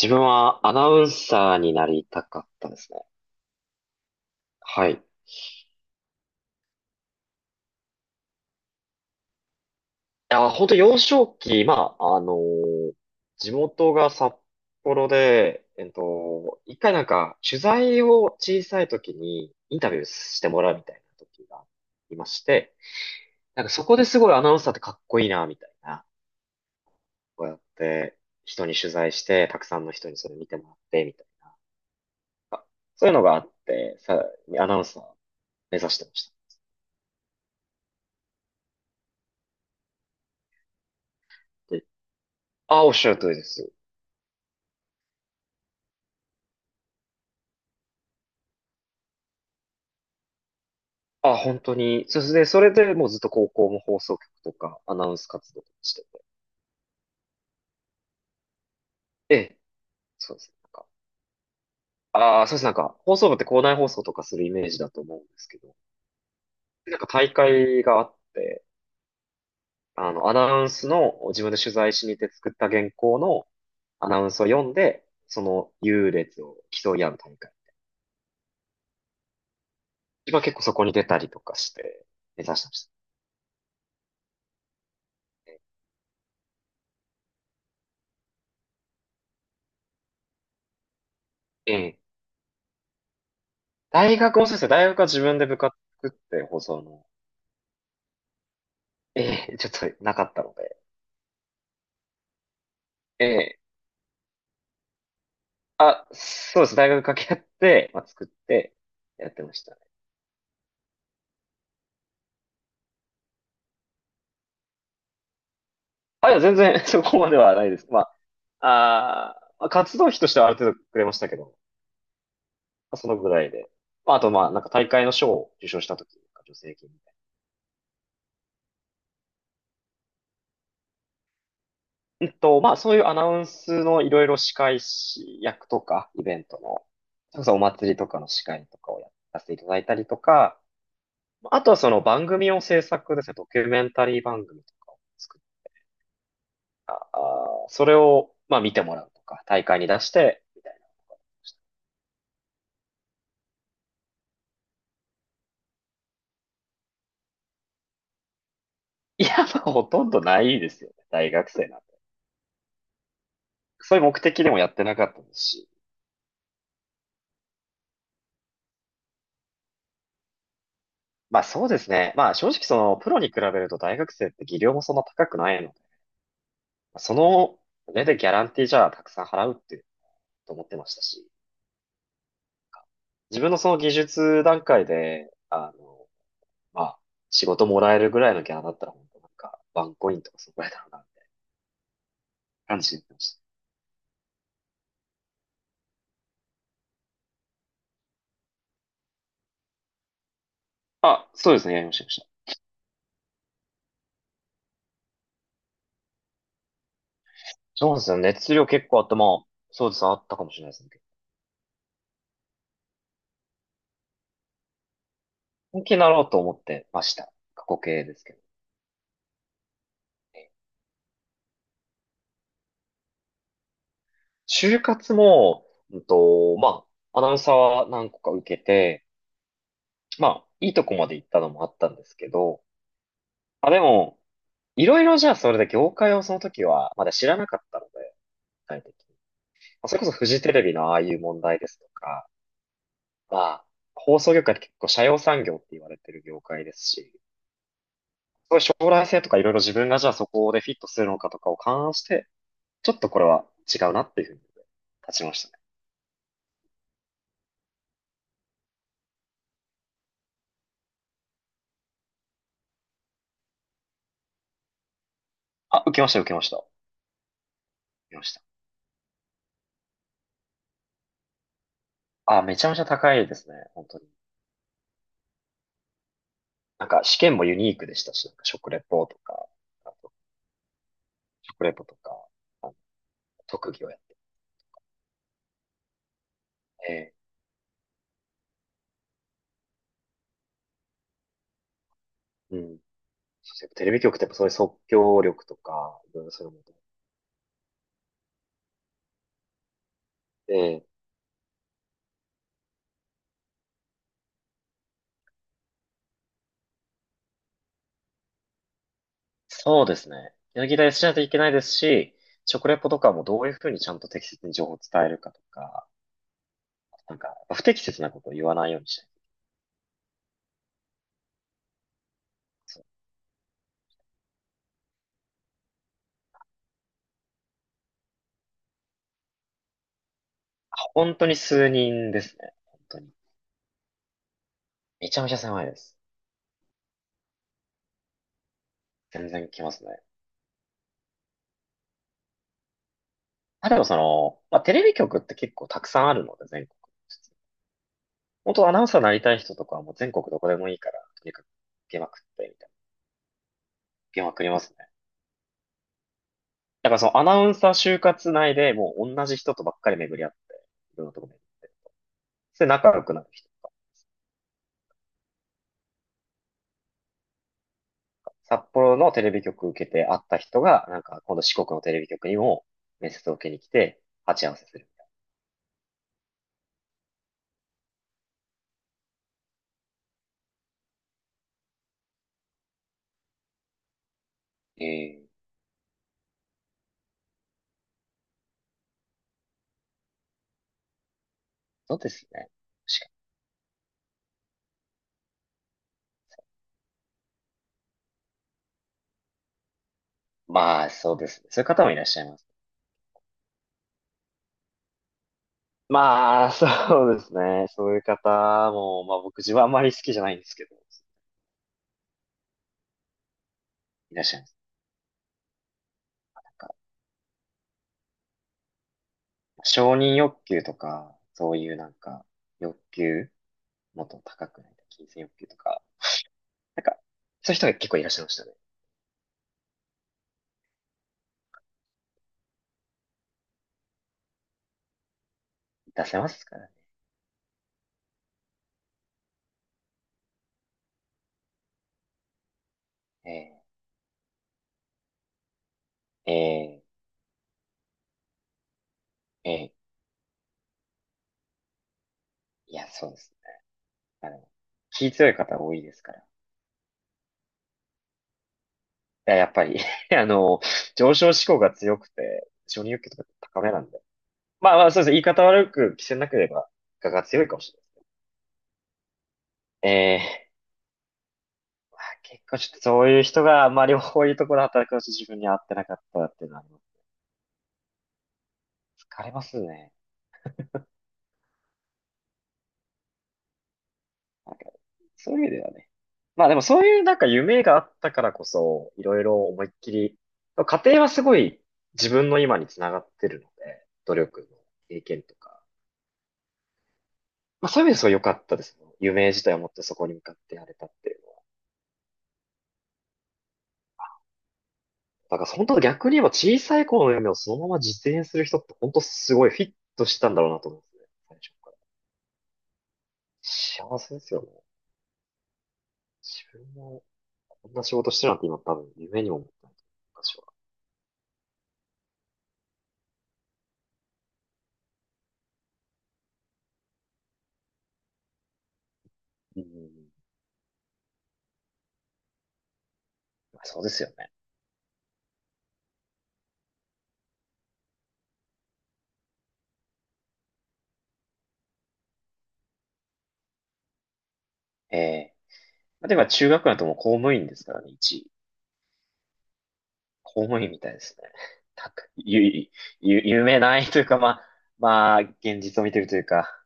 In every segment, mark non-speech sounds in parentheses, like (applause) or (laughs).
自分はアナウンサーになりたかったですね。はい。いや、本当幼少期、まあ、地元が札幌で、一回なんか、取材を小さい時にインタビューしてもらうみたいな時がいまして、なんかそこですごいアナウンサーってかっこいいな、みたいな、こうやって人に取材して、たくさんの人にそれ見てもらって、みたいな、そういうのがあって、アナウンサー目指してました。で、ああ、おっしゃる通りです。あ、本当に。そうですね。それでもうずっと高校も放送局とかアナウンス活動してて。ええ、そうですね。なんか、ああ、そうです。なんか、放送部って校内放送とかするイメージだと思うんですけど、なんか大会があって、あの、アナウンスの自分で取材しに行って作った原稿のアナウンスを読んで、その優劣を競い合う大会。自分は結構そこに出たりとかして目指してましたね。ええ。大学もそうですね。大学は自分で部活作って放送の、ええ、ちょっとなかったので、ええ。あ、そうです。大学掛け合って、まあ、作ってやってましたね。あ、いや、全然 (laughs) そこまではないです。まあ、まあ、活動費としてはある程度くれましたけど、まあそのぐらいで。まあ、あと、まあ、なんか大会の賞を受賞した時とか、助成金みたいな。まあ、そういうアナウンスのいろいろ司会役とか、イベントの、それこそお祭りとかの司会とかをやらせていただいたりとか、まあとはその番組を制作ですね、ドキュメンタリー番組とかをあそれを、まあ見てもらうとか、大会に出して、みたいな。いや、まあほとんどないですよね。大学生なんて。そういう目的でもやってなかったですし。まあそうですね。まあ正直その、プロに比べると大学生って技量もそんな高くないので、その上でギャランティーじゃあたくさん払うっていうと思ってましたし、自分のその技術段階で、あの、まあ、仕事もらえるぐらいのギャラだったら、本当なんか、ワンコインとかそこらいだろうな、って感じで言ってました。あ、そうですね、やりました、やりました。そうですよね。熱量結構あって、まあ、そうですね、あったかもしれないですね。本気になろうと思ってました。過去形ですけど。就活も、まあ、アナウンサーは何個か受けて、まあ、いいとこまで行ったのもあったんですけど、あ、でも、いろいろじゃあそれで業界をその時はまだ知らなかったので、具体的に。まあそれこそフジテレビのああいう問題ですとか、まあ、放送業界って結構社用産業って言われてる業界ですし、そういう将来性とかいろいろ自分がじゃあそこでフィットするのかとかを勘案して、ちょっとこれは違うなっていうふうに立ちましたね。あ、受けました、受けました。受けました。あ、めちゃめちゃ高いですね、本当に。なんか試験もユニークでしたし、なんか食レポとか、あと食レポとか、あの特技をやってて、うん。そしてテレビ局ってやっぱそういう即興力とか、いろいろそういうのもあってて、そうですね。やり田やしないといけないですし、食レポとかもどういうふうにちゃんと適切に情報を伝えるかとか、なんか、不適切なことを言わないようにしたい。そう本当に数人ですね。本当に。めちゃめちゃ狭いです。全然来ますね。まあ、でもその、まあ、テレビ局って結構たくさんあるので、全国。本当アナウンサーになりたい人とかはもう全国どこでもいいから、とにかく受けまくって、みたいな。受けまくりますね。だからそのアナウンサー就活内でもう同じ人とばっかり巡り合って、いろんなとこ巡り。それで仲良くなる人とか。札幌のテレビ局受けて会った人が、なんか今度四国のテレビ局にも面接を受けに来て、鉢合わせする。ええ、そうですね。確かに。まあ、そうですね。そういう方もいらっしゃいます。まあ、そうですね。そういう方も、まあ僕自分はあまり好きじゃないんですけど、いらっしゃいます。なんか、承認欲求とか、そういうなんか、欲求、もっと高くないと、金銭欲求とか、なんか、そういう人が結構いらっしゃいましたね。出せますからね。ええええええ。いや、そうですね。あの、気強い方多いですから。いや、やっぱり (laughs) あの、上昇志向が強くて、承認欲求とか高めなんで、まあまあ、そうですね。言い方悪く着せなければ、我が強いかもしれない。ええ。まあ、結構ちょっとそういう人が、まあ両方いいところで働くのと自分に合ってなかったっていうのはあります、疲れますね。なんか、そういう意味ではね。まあでもそういうなんか夢があったからこそ、いろいろ思いっきり、家庭はすごい自分の今につながってるので、努力の経験とか。まあそういう意味ですごい良かったですね。夢自体を持ってそこに向かってやれたっていう。だから本当逆に言えば小さい頃の夢をそのまま実現する人って本当すごいフィットしたんだろうなと思うんですね。最初から。幸せですよね。自分もこんな仕事してるなんて今多分夢にも思ってないと思う。私は。うん。そうですよね。ええ。まあでも中学だともう公務員ですからね、一位。公務員みたいですね。(laughs) たく、ゆ、ゆ、夢ないというか、まあ、まあ、現実を見てるというか、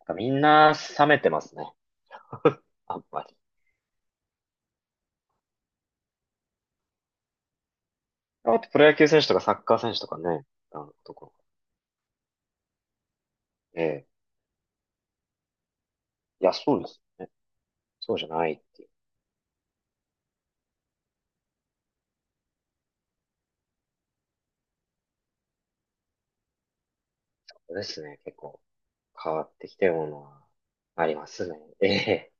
なんかみんな冷めてますね。あんまり。あとプロ野球選手とかサッカー選手とかね、あの、ところ。ええ。いや、そうですね。そうじゃないっていうことですね。結構変わってきたような、ありますね。ええ。